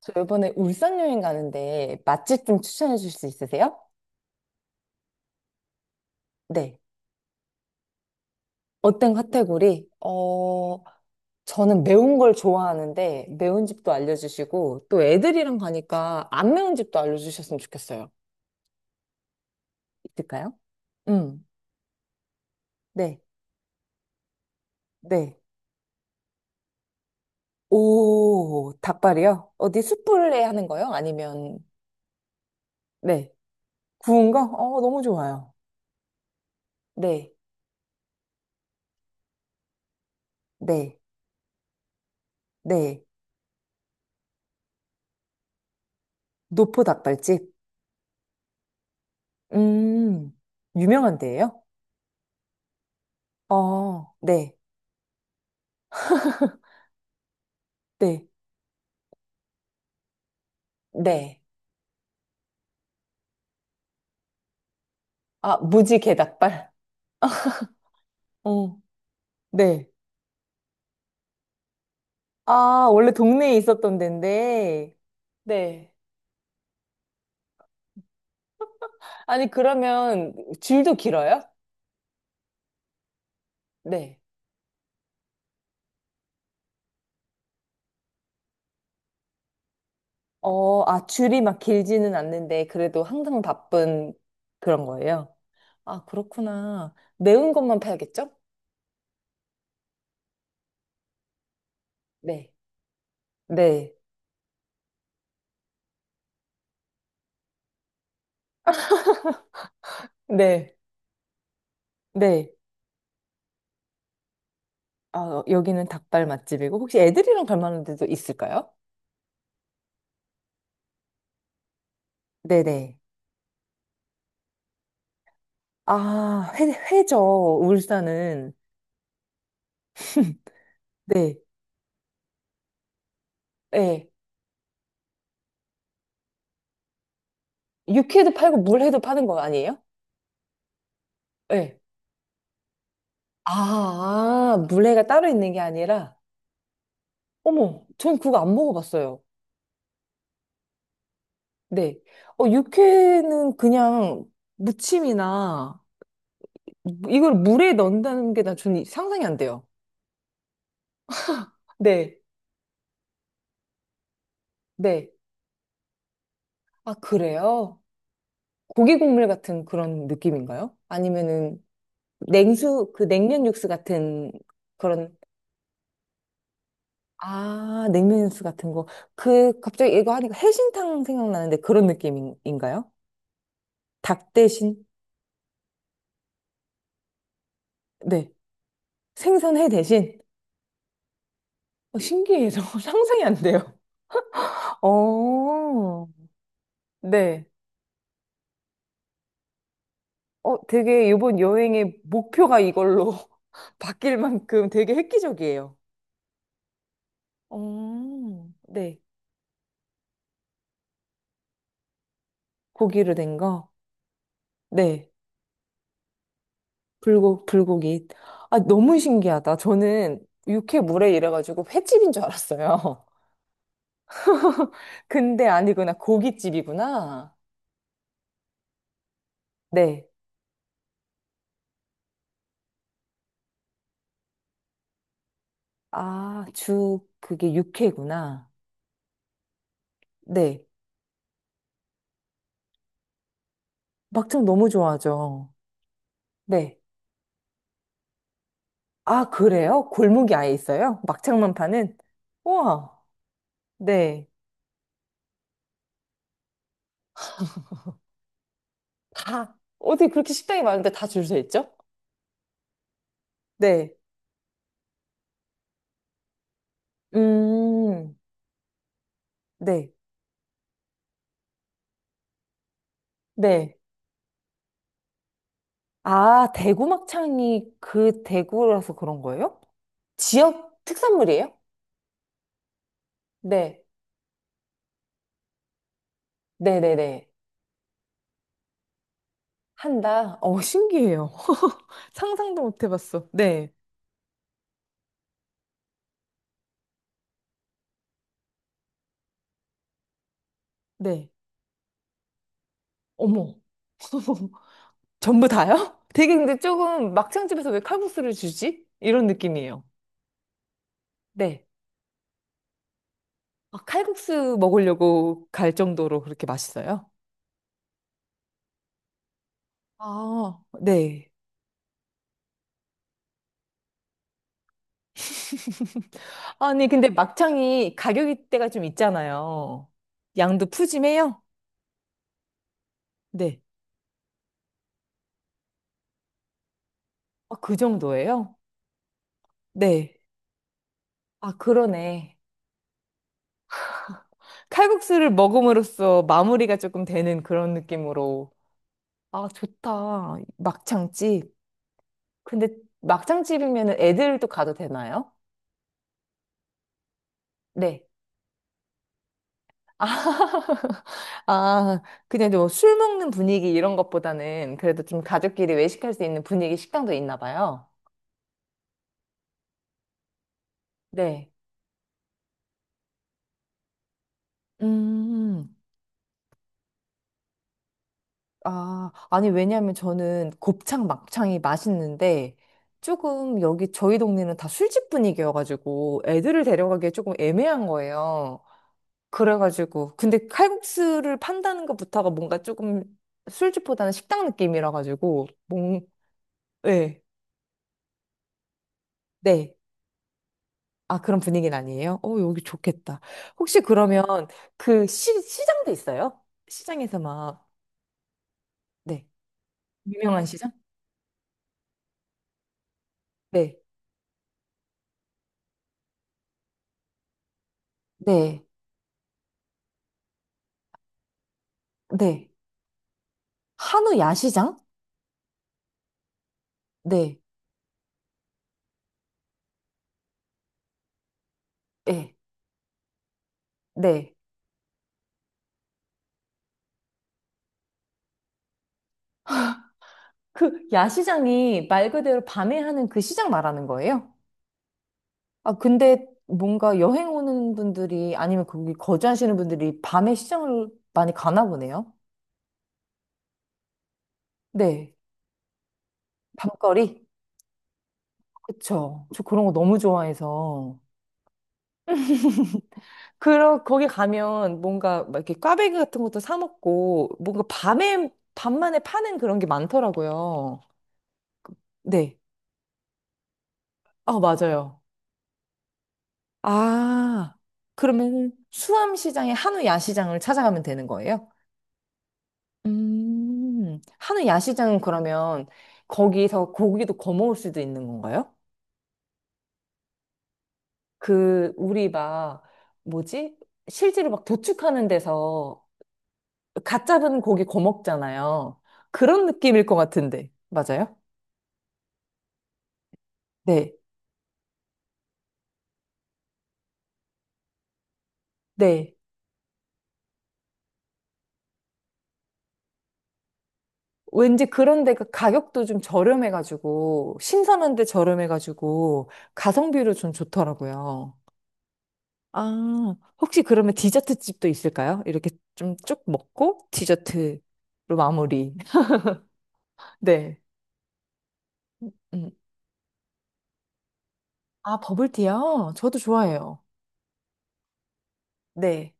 저 이번에 울산 여행 가는데 맛집 좀 추천해 주실 수 있으세요? 네. 어떤 카테고리? 어, 저는 매운 걸 좋아하는데 매운 집도 알려주시고 또 애들이랑 가니까 안 매운 집도 알려주셨으면 좋겠어요. 있을까요? 음, 네, 네. 오, 닭발이요? 어디 숯불에 하는 거요? 아니면, 네. 구운 거? 어, 너무 좋아요. 네, 네, 네. 노포 닭발집? 음, 유명한 데예요? 어, 네. 네. 네. 아, 무지개 닭발. 어, 네. 아, 원래 동네에 있었던 데인데. 네. 아니, 그러면 줄도 길어요? 네. 어, 아, 줄이 막 길지는 않는데, 그래도 항상 바쁜 그런 거예요. 아, 그렇구나. 매운 것만 팔겠죠? 네. 네, 네. 네. 아, 어, 여기는 닭발 맛집이고, 혹시 애들이랑 갈 만한 데도 있을까요? 네네. 아, 회, 회죠, 울산은. 네. 예. 육회도 팔고 물회도 파는 거 아니에요? 예. 아, 아, 물회가 따로 있는 게 아니라, 어머, 전 그거 안 먹어봤어요. 네. 어, 육회는 그냥 무침이나, 이걸 물에 넣는다는 게 나 전 상상이 안 돼요. 네, 네. 아, 그래요? 고기 국물 같은 그런 느낌인가요? 아니면은 냉수, 그 냉면 육수 같은 그런, 아, 냉면 육수 같은 거. 그, 갑자기 이거 하니까 해신탕 생각나는데 그런 느낌인가요? 닭 대신? 네. 생선회 대신? 어, 신기해서 상상이 안 돼요. 어, 네. 어, 되게 이번 여행의 목표가 이걸로 바뀔 만큼 되게 획기적이에요. 어, 네. 고기로 된 거? 네. 불고기. 아, 너무 신기하다. 저는 육회 물회 이래가지고 횟집인 줄 알았어요. 근데 아니구나. 고깃집이구나. 네. 아, 주 그게 육회구나. 네. 막창 너무 좋아하죠. 네. 아, 그래요? 골목이 아예 있어요? 막창만 파는? 우와. 네. 다, 어디 그렇게 식당이 많은데 다 줄서 있죠? 네. 음, 네. 네. 아, 대구 막창이 그 대구라서 그런 거예요? 지역 특산물이에요? 네. 네네네. 한다. 어, 신기해요. 상상도 못 해봤어. 네, 네. 어머. 전부 다요? 되게 근데 조금 막창집에서 왜 칼국수를 주지? 이런 느낌이에요. 네. 아, 칼국수 먹으려고 갈 정도로 그렇게 맛있어요? 아, 네. 아니, 근데 막창이 가격이 대가좀 있잖아요. 양도 푸짐해요? 네. 아, 그 정도예요? 네. 아, 그러네. 칼국수를 먹음으로써 마무리가 조금 되는 그런 느낌으로 아, 좋다. 막창집. 근데 막창집이면 애들도 가도 되나요? 네. 아, 그냥 뭐 술 먹는 분위기 이런 것보다는 그래도 좀 가족끼리 외식할 수 있는 분위기 식당도 있나 봐요. 네. 음, 아, 아니, 왜냐면 저는 곱창, 막창이 맛있는데 조금 여기 저희 동네는 다 술집 분위기여가지고 애들을 데려가기에 조금 애매한 거예요. 그래가지고 근데 칼국수를 판다는 것부터가 뭔가 조금 술집보다는 식당 느낌이라 가지고 뭔 네. 네. 아, 그런 분위기는 아니에요? 어, 여기 좋겠다. 혹시 그러면 그 시장도 있어요? 시장에서 막 네. 유명한 시장? 네. 네. 네. 한우 야시장? 네. 네. 네. 그 야시장이 말 그대로 밤에 하는 그 시장 말하는 거예요? 아, 근데 뭔가 여행 오는 분들이 아니면 거기 거주하시는 분들이 밤에 시장을 많이 가나 보네요. 네. 밤거리? 그쵸. 저 그런 거 너무 좋아해서. 그러, 거기 가면 뭔가 막 이렇게 꽈배기 같은 것도 사 먹고 뭔가 밤에, 밤만에 파는 그런 게 많더라고요. 네. 아, 맞아요. 아, 그러면 수암시장의 한우 야시장을 찾아가면 되는 거예요? 하는 야시장은 그러면 거기서 고기도 거먹을 수도 있는 건가요? 그, 우리 막, 뭐지? 실제로 막 도축하는 데서 갓 잡은 고기 거먹잖아요. 그런 느낌일 것 같은데. 맞아요? 네. 네. 왠지 그런 데가 가격도 좀 저렴해가지고, 신선한데 저렴해가지고, 가성비로 좀 좋더라고요. 아, 혹시 그러면 디저트 집도 있을까요? 이렇게 좀 쭉 먹고 디저트로 마무리. 네. 음. 아, 버블티요? 저도 좋아해요. 네.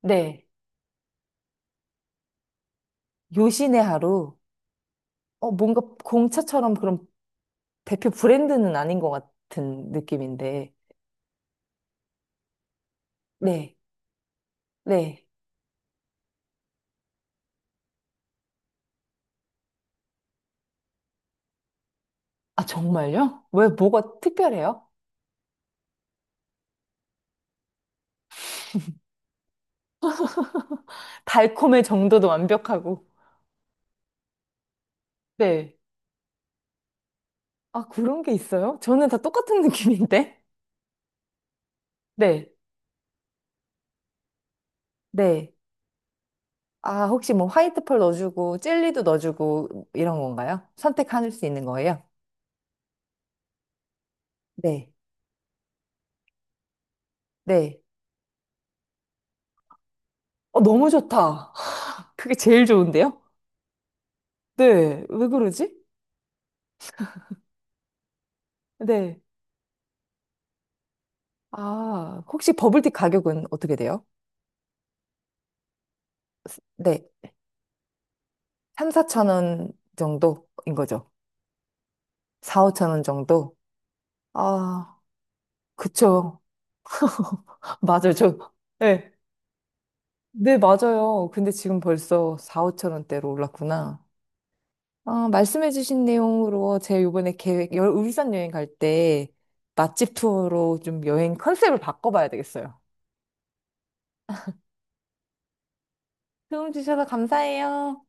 네. 요신의 하루. 어, 뭔가 공차처럼 그런 대표 브랜드는 아닌 것 같은 느낌인데. 네. 네. 아, 정말요? 왜 뭐가 특별해요? 달콤의 정도도 완벽하고. 네. 아, 그런 게 있어요? 저는 다 똑같은 느낌인데. 네. 네. 아, 혹시 뭐 화이트 펄 넣어주고, 젤리도 넣어주고, 이런 건가요? 선택할 수 있는 거예요? 네. 네. 어, 너무 좋다. 그게 제일 좋은데요? 네. 왜 그러지? 네. 아, 혹시 버블티 가격은 어떻게 돼요? 네. 3, 4천 원 정도인 거죠. 4, 5천 원 정도? 아, 그쵸. 맞아요. 저, 네. 네, 맞아요. 근데 지금 벌써 4, 5천 원대로 올랐구나. 아, 말씀해주신 내용으로 제가 요번에 계획, 울산 여행 갈 때 맛집 투어로 좀 여행 컨셉을 바꿔봐야 되겠어요. 도움 주셔서 감사해요.